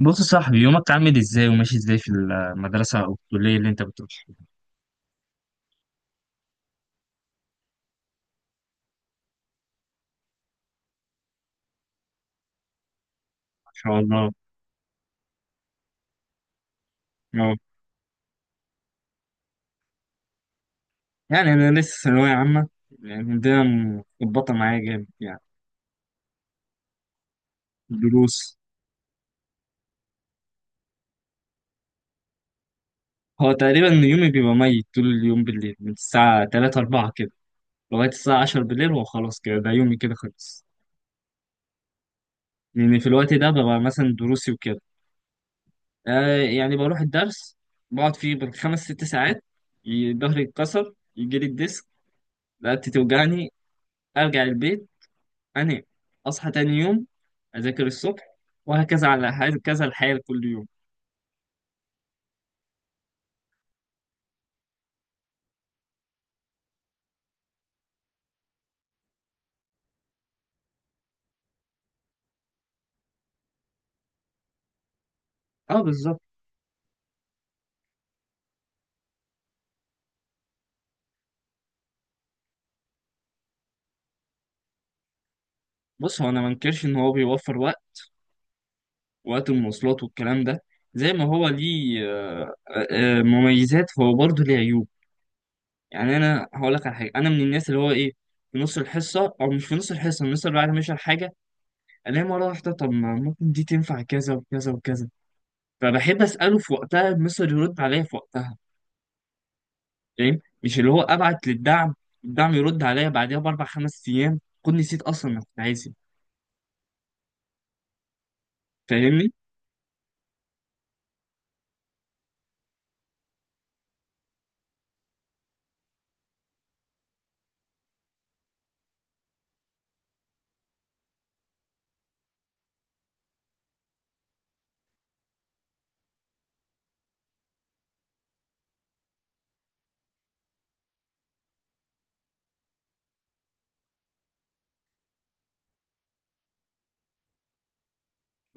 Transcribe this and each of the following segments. بص يا صاحبي، يومك عامل ازاي وماشي ازاي في المدرسة أو الكلية اللي أنت بتروحها؟ ما شاء الله. أه يعني أنا لسه ثانوية عامة، يعني الدنيا متظبطة معايا جامد يعني. دروس. هو تقريبا يومي بيبقى ميت طول اليوم بالليل، من الساعة 3 4 كده لغاية الساعة 10 بالليل، هو خلاص كده، ده يومي كده خلص. لأن في الوقت ده ببقى مثلا دروسي وكده. آه يعني بروح الدرس، بقعد فيه بال5 6 ساعات، ظهري يتكسر، يجيلي الديسك، رقبتي توجعني، أرجع البيت، أنام، أصحى تاني يوم، أذاكر الصبح، وهكذا كذا الحال كل يوم. أه بالظبط. بص، هو أنا ما انكرش إن هو بيوفر وقت، وقت المواصلات والكلام ده. زي ما هو ليه مميزات، فهو برضه ليه عيوب. يعني أنا هقول لك على حاجة، أنا من الناس اللي هو إيه، في نص الحصة أو مش في نص الحصة، الناس اللي بعد ما يشرح حاجة ألاقي مرة واحدة طب ما ممكن دي تنفع كذا وكذا وكذا، فبحب أسأله في وقتها، المستر يرد عليا في وقتها، فاهم؟ مش اللي هو ابعت للدعم، الدعم يرد عليا بعدها ب4 5 ايام، كنت نسيت اصلا انا كنت عايز إيه. فاهمني.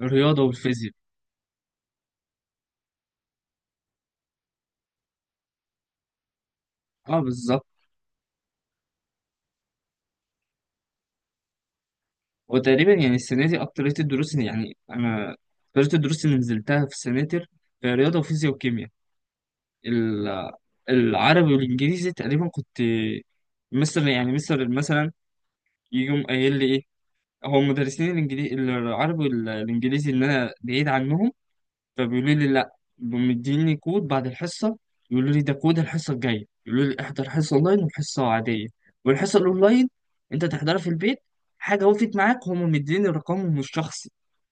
الرياضه والفيزياء. اه بالظبط. وتقريبا يعني السنه دي يعني انا اكتريه الدروس اللي نزلتها في السناتر في رياضه وفيزياء وكيمياء. ال- العربي والانجليزي تقريبا كنت مستر، يعني مستر مثلا يجي يقوم قايل لي ايه، هو مدرسين الانجليزي، العربي والانجليزي اللي انا بعيد عنهم، فبيقولوا لي لا مديني كود بعد الحصه، يقولوا لي ده كود الحصه الجايه، يقولوا لي احضر حصه اونلاين وحصه عاديه، والحصه الاونلاين انت تحضرها في البيت. حاجه وقفت معاك، هم مديني رقمهم الشخصي.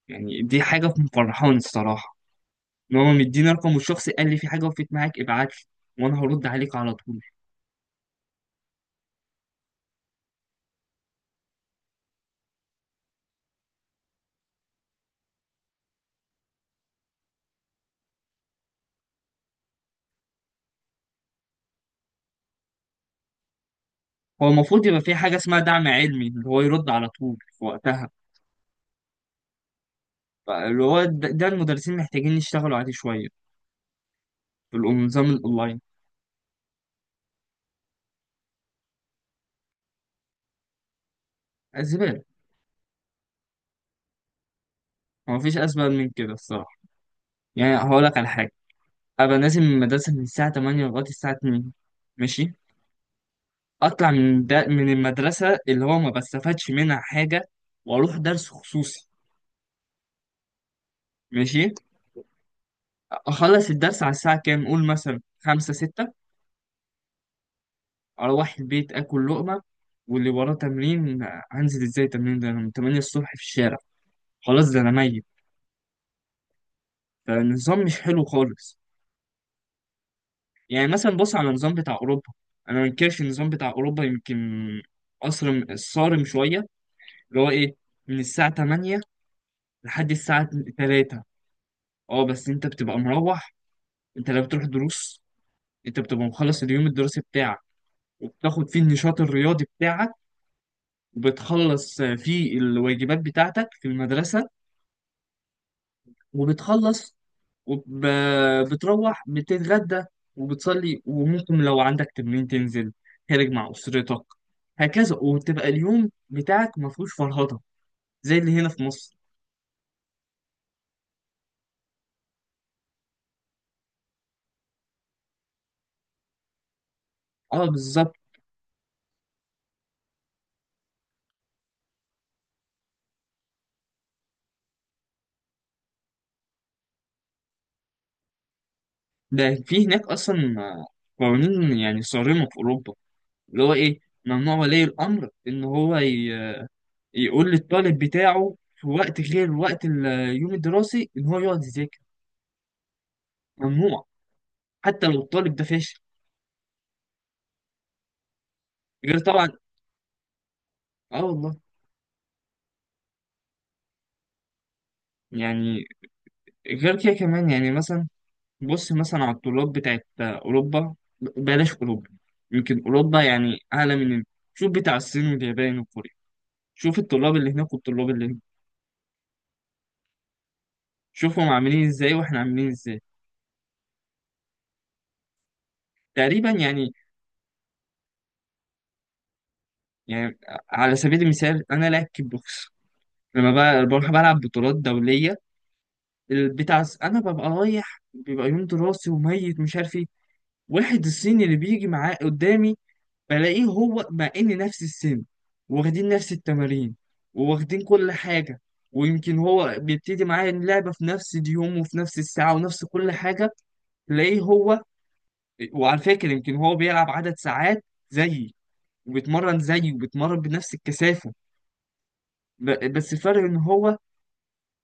يعني دي حاجه مفرحاني الصراحه، ان هم مديني رقمه الشخصي، قال لي في حاجه وقفت معاك ابعت لي وانا هرد عليك على طول. هو المفروض يبقى في حاجه اسمها دعم علمي، اللي هو يرد على طول في وقتها. اللي هو ده المدرسين محتاجين يشتغلوا عليه شويه في النظام الاونلاين. زباله. هو مفيش اسباب من كده الصراحه، يعني هقول لك على حاجة، أبقى نازل من المدرسة من الساعة 8 لغاية الساعة 2، ماشي. أطلع من دا من المدرسة اللي هو ما بستفادش منها حاجة، وأروح درس خصوصي، ماشي. أخلص الدرس على الساعة كام؟ قول مثلا 5 6. أروح البيت آكل لقمة، واللي وراه تمرين، هنزل إزاي التمرين ده؟ أنا من 8 الصبح في الشارع، خلاص ده أنا ميت. فالنظام مش حلو خالص. يعني مثلا بص على النظام بتاع أوروبا، أنا ما أنكرش النظام بتاع أوروبا، يمكن أصرم صارم شوية، اللي هو ايه، من الساعة 8 لحد الساعة 3. اه بس انت بتبقى مروح، انت لو بتروح دروس، انت بتبقى مخلص اليوم الدراسي بتاعك، وبتاخد فيه النشاط الرياضي بتاعك، وبتخلص فيه الواجبات بتاعتك في المدرسة، وبتخلص، وبتروح بتتغدى، وبتصلي، وممكن لو عندك تمرين تنزل خارج مع أسرتك، هكذا. وتبقى اليوم بتاعك ما فيهوش فرهضة زي اللي هنا في مصر. اه بالظبط. ده في هناك اصلا قوانين يعني صارمه في اوروبا، اللي هو ايه، ممنوع ولي الامر ان هو يقول للطالب بتاعه في وقت غير وقت اليوم الدراسي ان هو يقعد يذاكر، ممنوع، حتى لو الطالب ده فاشل. غير طبعا. اه والله. يعني غير كده كمان يعني مثلا، بص مثلا على الطلاب بتاعت اوروبا، بلاش اوروبا، يمكن اوروبا يعني اعلى من، شوف بتاع الصين واليابان وكوريا، شوف الطلاب اللي هناك والطلاب اللي هنا، شوفهم عاملين ازاي واحنا عاملين ازاي، تقريبا يعني. يعني على سبيل المثال انا لاعب كيك بوكس، لما بقى بروح بلعب بطولات دوليه، البتاع انا ببقى رايح بيبقى يوم دراسي وميت مش عارف ايه، واحد الصيني اللي بيجي معاه قدامي بلاقيه هو مع ان نفس السن، واخدين نفس التمارين، وواخدين كل حاجه، ويمكن هو بيبتدي معايا اللعبه في نفس اليوم وفي نفس الساعه ونفس كل حاجه، تلاقيه هو، وعلى فكره يمكن هو بيلعب عدد ساعات زيي، وبيتمرن زيي وبيتمرن بنفس الكثافه، بس الفرق ان هو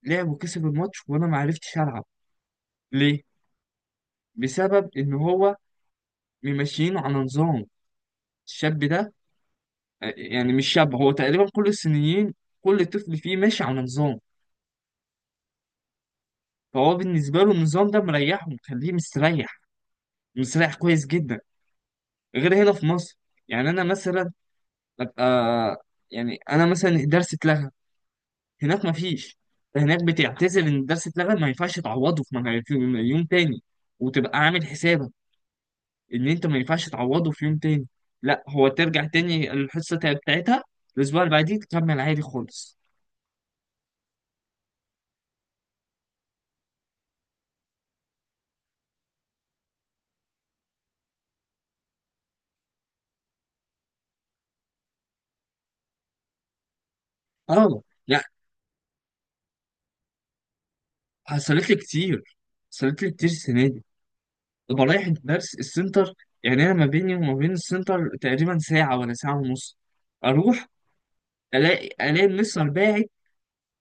لعب وكسب الماتش وانا ما عرفتش العب. ليه؟ بسبب ان هو ممشيينه على نظام. الشاب ده، يعني مش شاب، هو تقريبا كل الصينيين، كل طفل فيه ماشي على نظام. فهو بالنسبه له النظام ده مريحه، مخليه مستريح، مستريح كويس جدا، غير هنا في مصر. يعني انا مثلا ابقى، يعني انا مثلا الدرس اتلغى هناك ما فيش، هناك بتعتذر ان الدرس اتلغى، ما ينفعش تعوضه في يوم تاني، وتبقى عامل حسابك ان انت ما ينفعش تعوضه في يوم تاني، لا هو ترجع تاني الحصه بتاعتها الاسبوع اللي بعديه، تكمل عادي خالص. اه لا، حصلت لي كتير، حصلت لي كتير السنه دي. ببقى رايح الدرس السنتر، يعني انا ما بيني وما بين السنتر تقريبا ساعه ولا ساعه ونص، اروح الاقي المستر باعت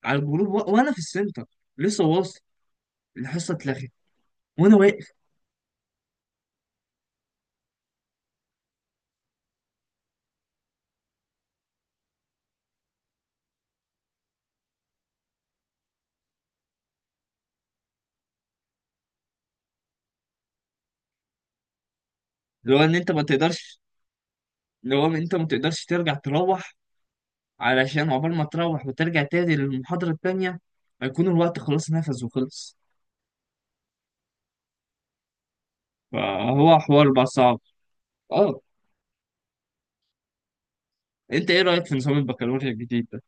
على الجروب وانا في السنتر لسه واصل، الحصه اتلغت وانا واقف. اللي هو ان انت ما تقدرش، اللي هو انت ما تقدرش ترجع تروح، علشان عقبال ما تروح وترجع تاني للمحاضرة التانية هيكون الوقت خلاص نفذ وخلص. فهو حوار بقى صعب. اه. انت ايه رأيك في نظام البكالوريا الجديد ده؟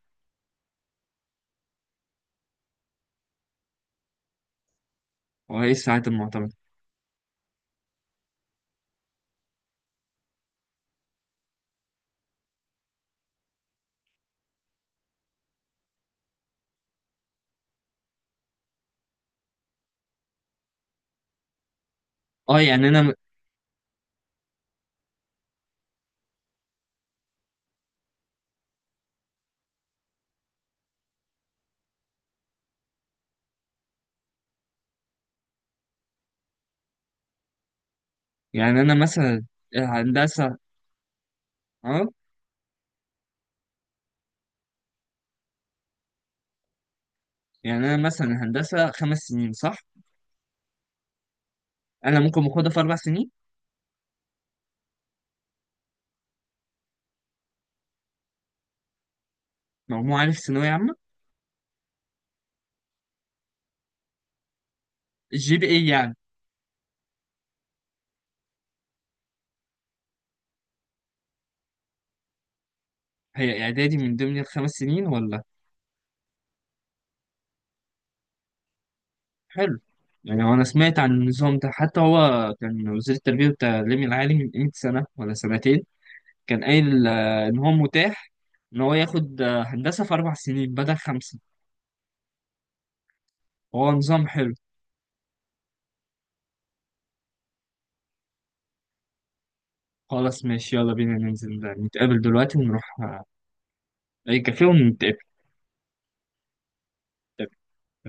وايه الساعات المعتمدة؟ اه يعني انا، يعني انا مثلا الهندسة. اه. يعني انا مثلا الهندسة 5 سنين صح؟ انا ممكن اخدها في 4 سنين. مجموع عالي في ثانوية عامة؟ الجي بي اي يعني. هي اعدادي من ضمن ال5 سنين ولا؟ حلو. يعني هو انا سمعت عن النظام ده، حتى هو كان وزير التربية والتعليم العالي من قيمة سنة ولا سنتين كان قايل إن هو متاح إن هو ياخد هندسة في 4 سنين بدل 5. هو نظام حلو. خلاص ماشي، يلا بينا ننزل، نتقابل دلوقتي ونروح أي كافيه ونتقابل.